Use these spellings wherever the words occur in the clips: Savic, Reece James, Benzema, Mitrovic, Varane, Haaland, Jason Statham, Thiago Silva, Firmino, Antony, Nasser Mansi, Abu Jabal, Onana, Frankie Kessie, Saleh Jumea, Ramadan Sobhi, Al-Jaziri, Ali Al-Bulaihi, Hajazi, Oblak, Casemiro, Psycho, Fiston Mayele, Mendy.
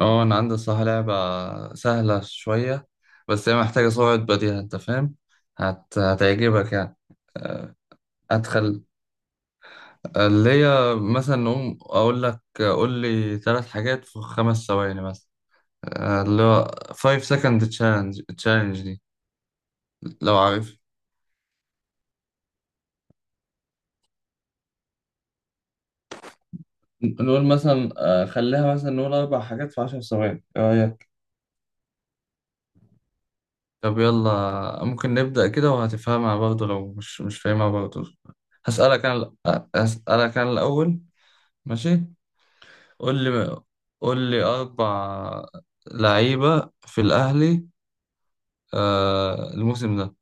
اه انا عندي الصراحة لعبة سهلة شوية بس هي محتاجة سرعة بديهة انت فاهم. هتعجبك يعني. ادخل. اللي هي مثلا نقوم اقول لك قول لي ثلاث حاجات في 5 ثواني مثلا. اللي هو 5 second challenge دي لو عارف. نقول مثلا خليها مثلا نقول اربع حاجات في 10 ثواني ايه رأيك؟ طب يلا ممكن نبدأ كده وهتفهمها برضه لو مش فاهمها برضه. هسألك انا هسألك انا الاول. ماشي. قول لي قول لي أربع لعيبة في الأهلي الموسم ده.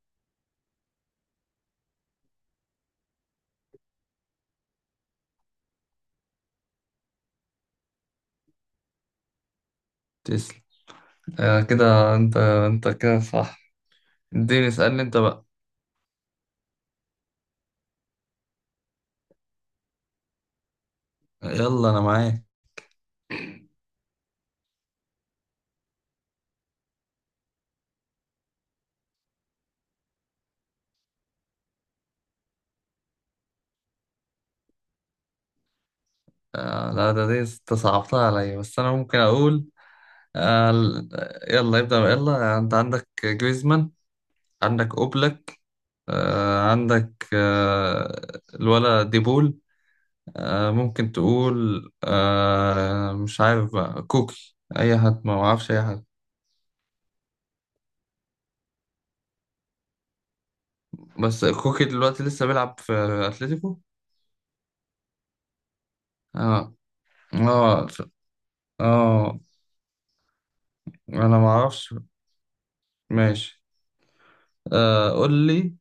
تسلم. كده أنت كده صح. اديني اسألني أنت بقى. يلا أنا معاك. لا دي أنت صعبتها عليا بس أنا ممكن أقول. آه ال- يلا ابدأ بقى، يلا أنت عندك جريزمان. عندك أوبلك. عندك الولا ديبول. ممكن تقول مش عارف بقى كوكي أي حد ما أعرفش أي حد. بس كوكي دلوقتي لسه بيلعب في اتلتيكو. اه، اه، اه. انا ما اعرفش. ماشي. آه قول لي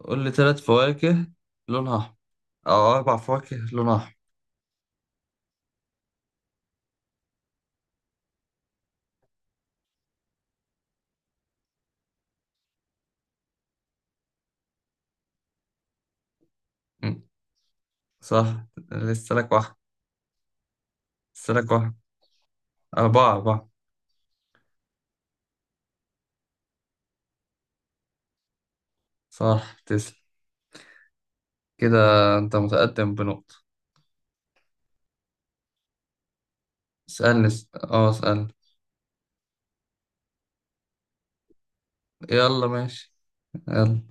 قول لي ثلاث فواكه لونها احمر او اربع فواكه لونها احمر. مم، صح لسه لك واحد. لسه لك واحد. اربعة اربعة. صح تسلم. كده. انت متقدم بنقطة. اسألني اس- اه اسألني. يلا ماشي. يلا.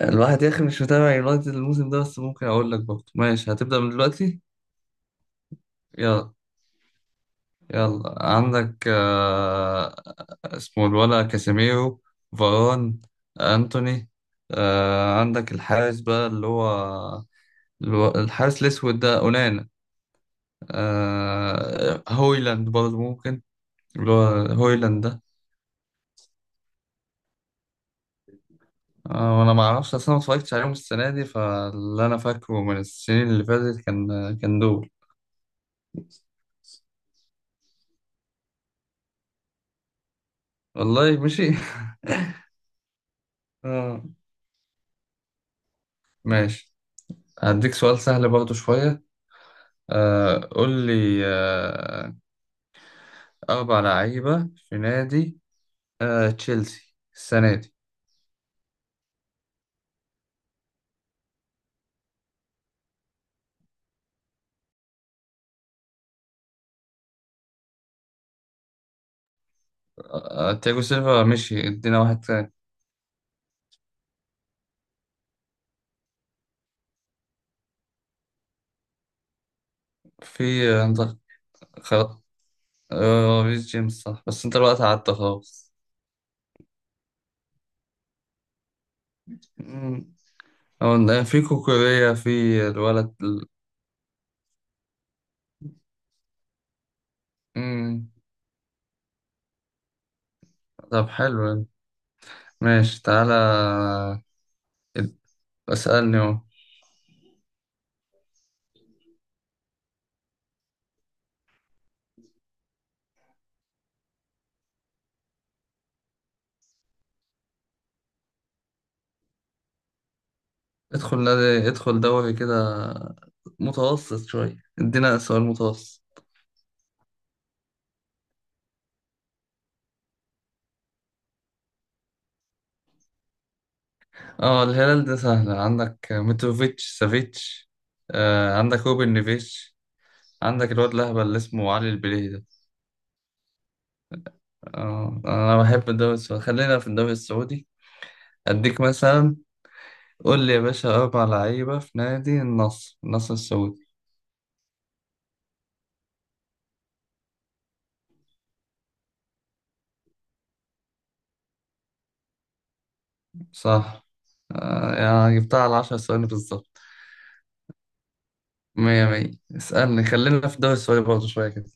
الواحد يا اخي مش متابع يونايتد الموسم ده بس ممكن اقول لك برضه. ماشي هتبدأ من دلوقتي. يلا. يلا عندك اسمه الولا كاسيميرو. فاران. أنتوني. عندك الحارس بقى اللي هو الحارس الأسود ده أونانا. هويلاند برضه ممكن اللي هو هويلاند ده. وأنا معرفش أصلا ما اتفرجتش عليهم السنة دي فاللي أنا فاكره من السنين اللي فاتت كان دول. والله مشي. آه، ماشي هديك سؤال سهل برضه شوية. قول لي أربع لعيبة في نادي تشيلسي السنة دي. تياجو سيلفا مشي ادينا واحد تاني. في انت خلاص. ريس جيمس صح بس انت الوقت قعدت خلاص. مم. هو في كوكوريا في الولد ال- مم. طب حلو يعني. ماشي تعالى. اد- اسألني اهو. ادخل دوري كده متوسط شوية ادينا سؤال متوسط. اه الهلال ده سهل عندك متروفيتش سافيتش. عندك روبن نيفيتش. عندك الواد الأهبل اللي اسمه علي البليهي ده. أنا بحب الدوري السعودي خلينا في الدوري السعودي. أديك مثلا قول لي يا باشا أربع لعيبة في نادي النصر، النصر السعودي. صح. يعني جبتها على 10 ثواني بالظبط. مية مية. اسألني خلينا في الدوري السعودي برضه شوية كده.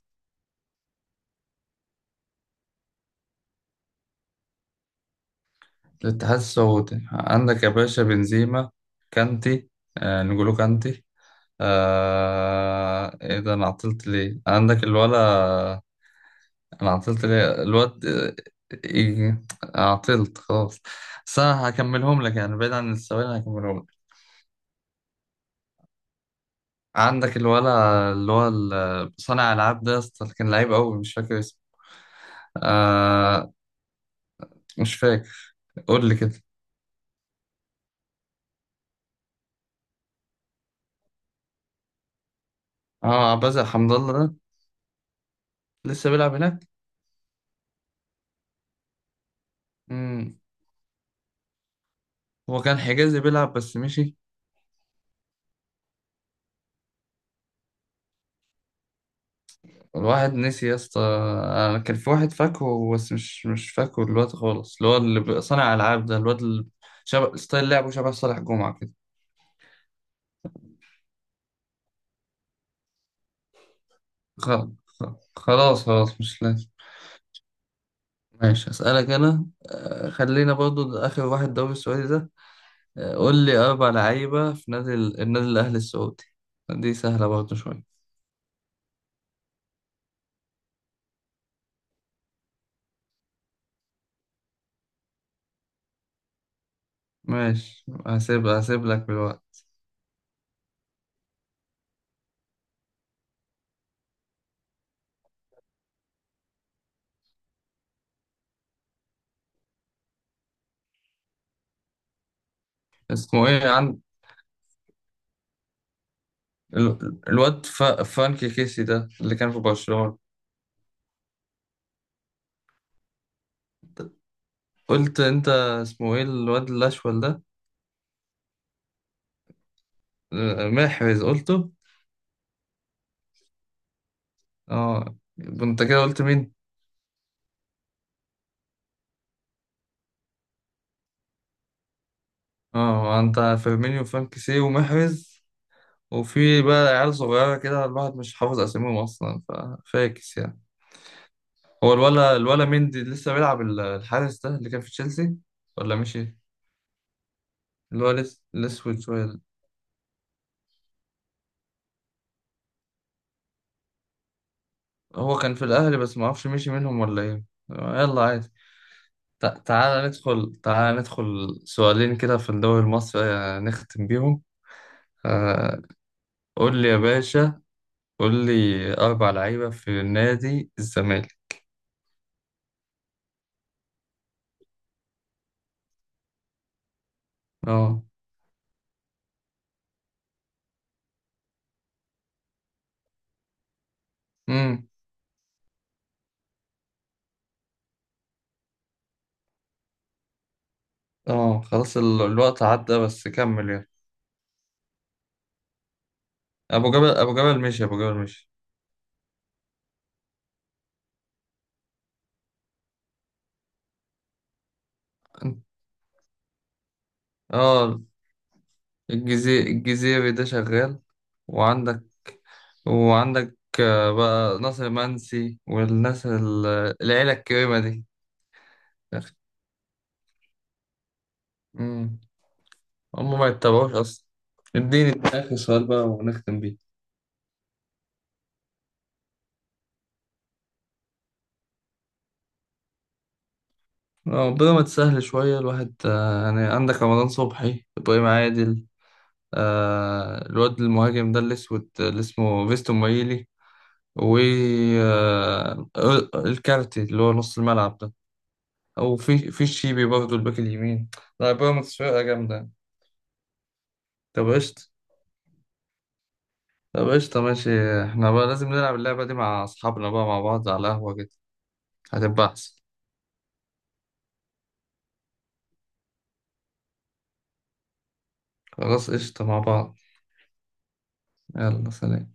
الاتحاد السعودي عندك يا باشا بنزيما. كانتي. نجولو كانتي. ايه ده انا عطلت ليه عندك الولا. انا عطلت ليه الواد إيه... عطلت خلاص. بس انا هكملهم لك يعني بعيد عن السؤال هكملهم لك. عندك الولا اللي هو صانع العاب ده يا اسطى اللي كان لعيب قوي مش فاكر اسمه. آه... مش فاكر. قول لي كده. اه عباس حمد الله ده لسه بيلعب هناك. امم. هو كان حجازي بيلعب بس مشي. الواحد نسي يا اسطى. انا كان في واحد فاكهه بس مش فاكهه الواد خالص اللي هو اللي صانع العاب ده الواد اللي شبه ستايل لعبه شبه صالح جمعة كده. خلاص خلاص مش لازم. ماشي هسألك انا. خلينا برضو اخر واحد دوري السعودي ده. قول لي اربع لعيبة في نادي النادي الاهلي السعودي. دي سهلة برضو شوية. ماشي هسيب لك بالوقت. اسمه ايه عند الواد فرانكي كيسي ده اللي كان في برشلونة. قلت انت. اسمه ايه الواد الاشول ده. محرز قلته. اه انت كده قلت مين. اه انت فيرمينيو وفرنكسي ومحرز وفي بقى عيال صغيرة كده الواحد مش حافظ اساميهم أصلا ففاكس يعني. هو الولا مندي لسه بيلعب الحارس ده اللي كان في تشيلسي ولا مشي. اللي هو الأسود شوية ده. هو كان في الأهلي بس معرفش مشي منهم ولا ايه. يلا عادي. تعالى ندخل سؤالين كده في الدوري المصري نختم بيهم. آه، قول لي يا باشا قول لي أربع لعيبة في نادي الزمالك. اه. امم. اه خلاص الوقت عدى بس كمل يلا. أبو جبل مشي. أبو جبل مشي. اه الجزيري الجزيري ده شغال. وعندك وعندك بقى ناصر منسي والناس العيلة الكريمة دي. امم. هم ما يتبعوش أصلا. اديني آخر سؤال بقى ونختم بيه. ربنا ما تسهل شوية الواحد يعني عندك رمضان صبحي إبراهيم عادل. الواد المهاجم ده الأسود اللي اسمه فيستون مايلي. و آه، الكارتي اللي هو نص الملعب ده. أو في الشيبي برضه الباك اليمين. لا بيراميدز فرقة جامدة. طب قشطة طب قشطة ماشي. احنا بقى لازم نلعب اللعبة دي مع أصحابنا بقى مع بعض على القهوة كده. هتبقى أحسن. خلاص قشطة مع بعض. يلا سلام.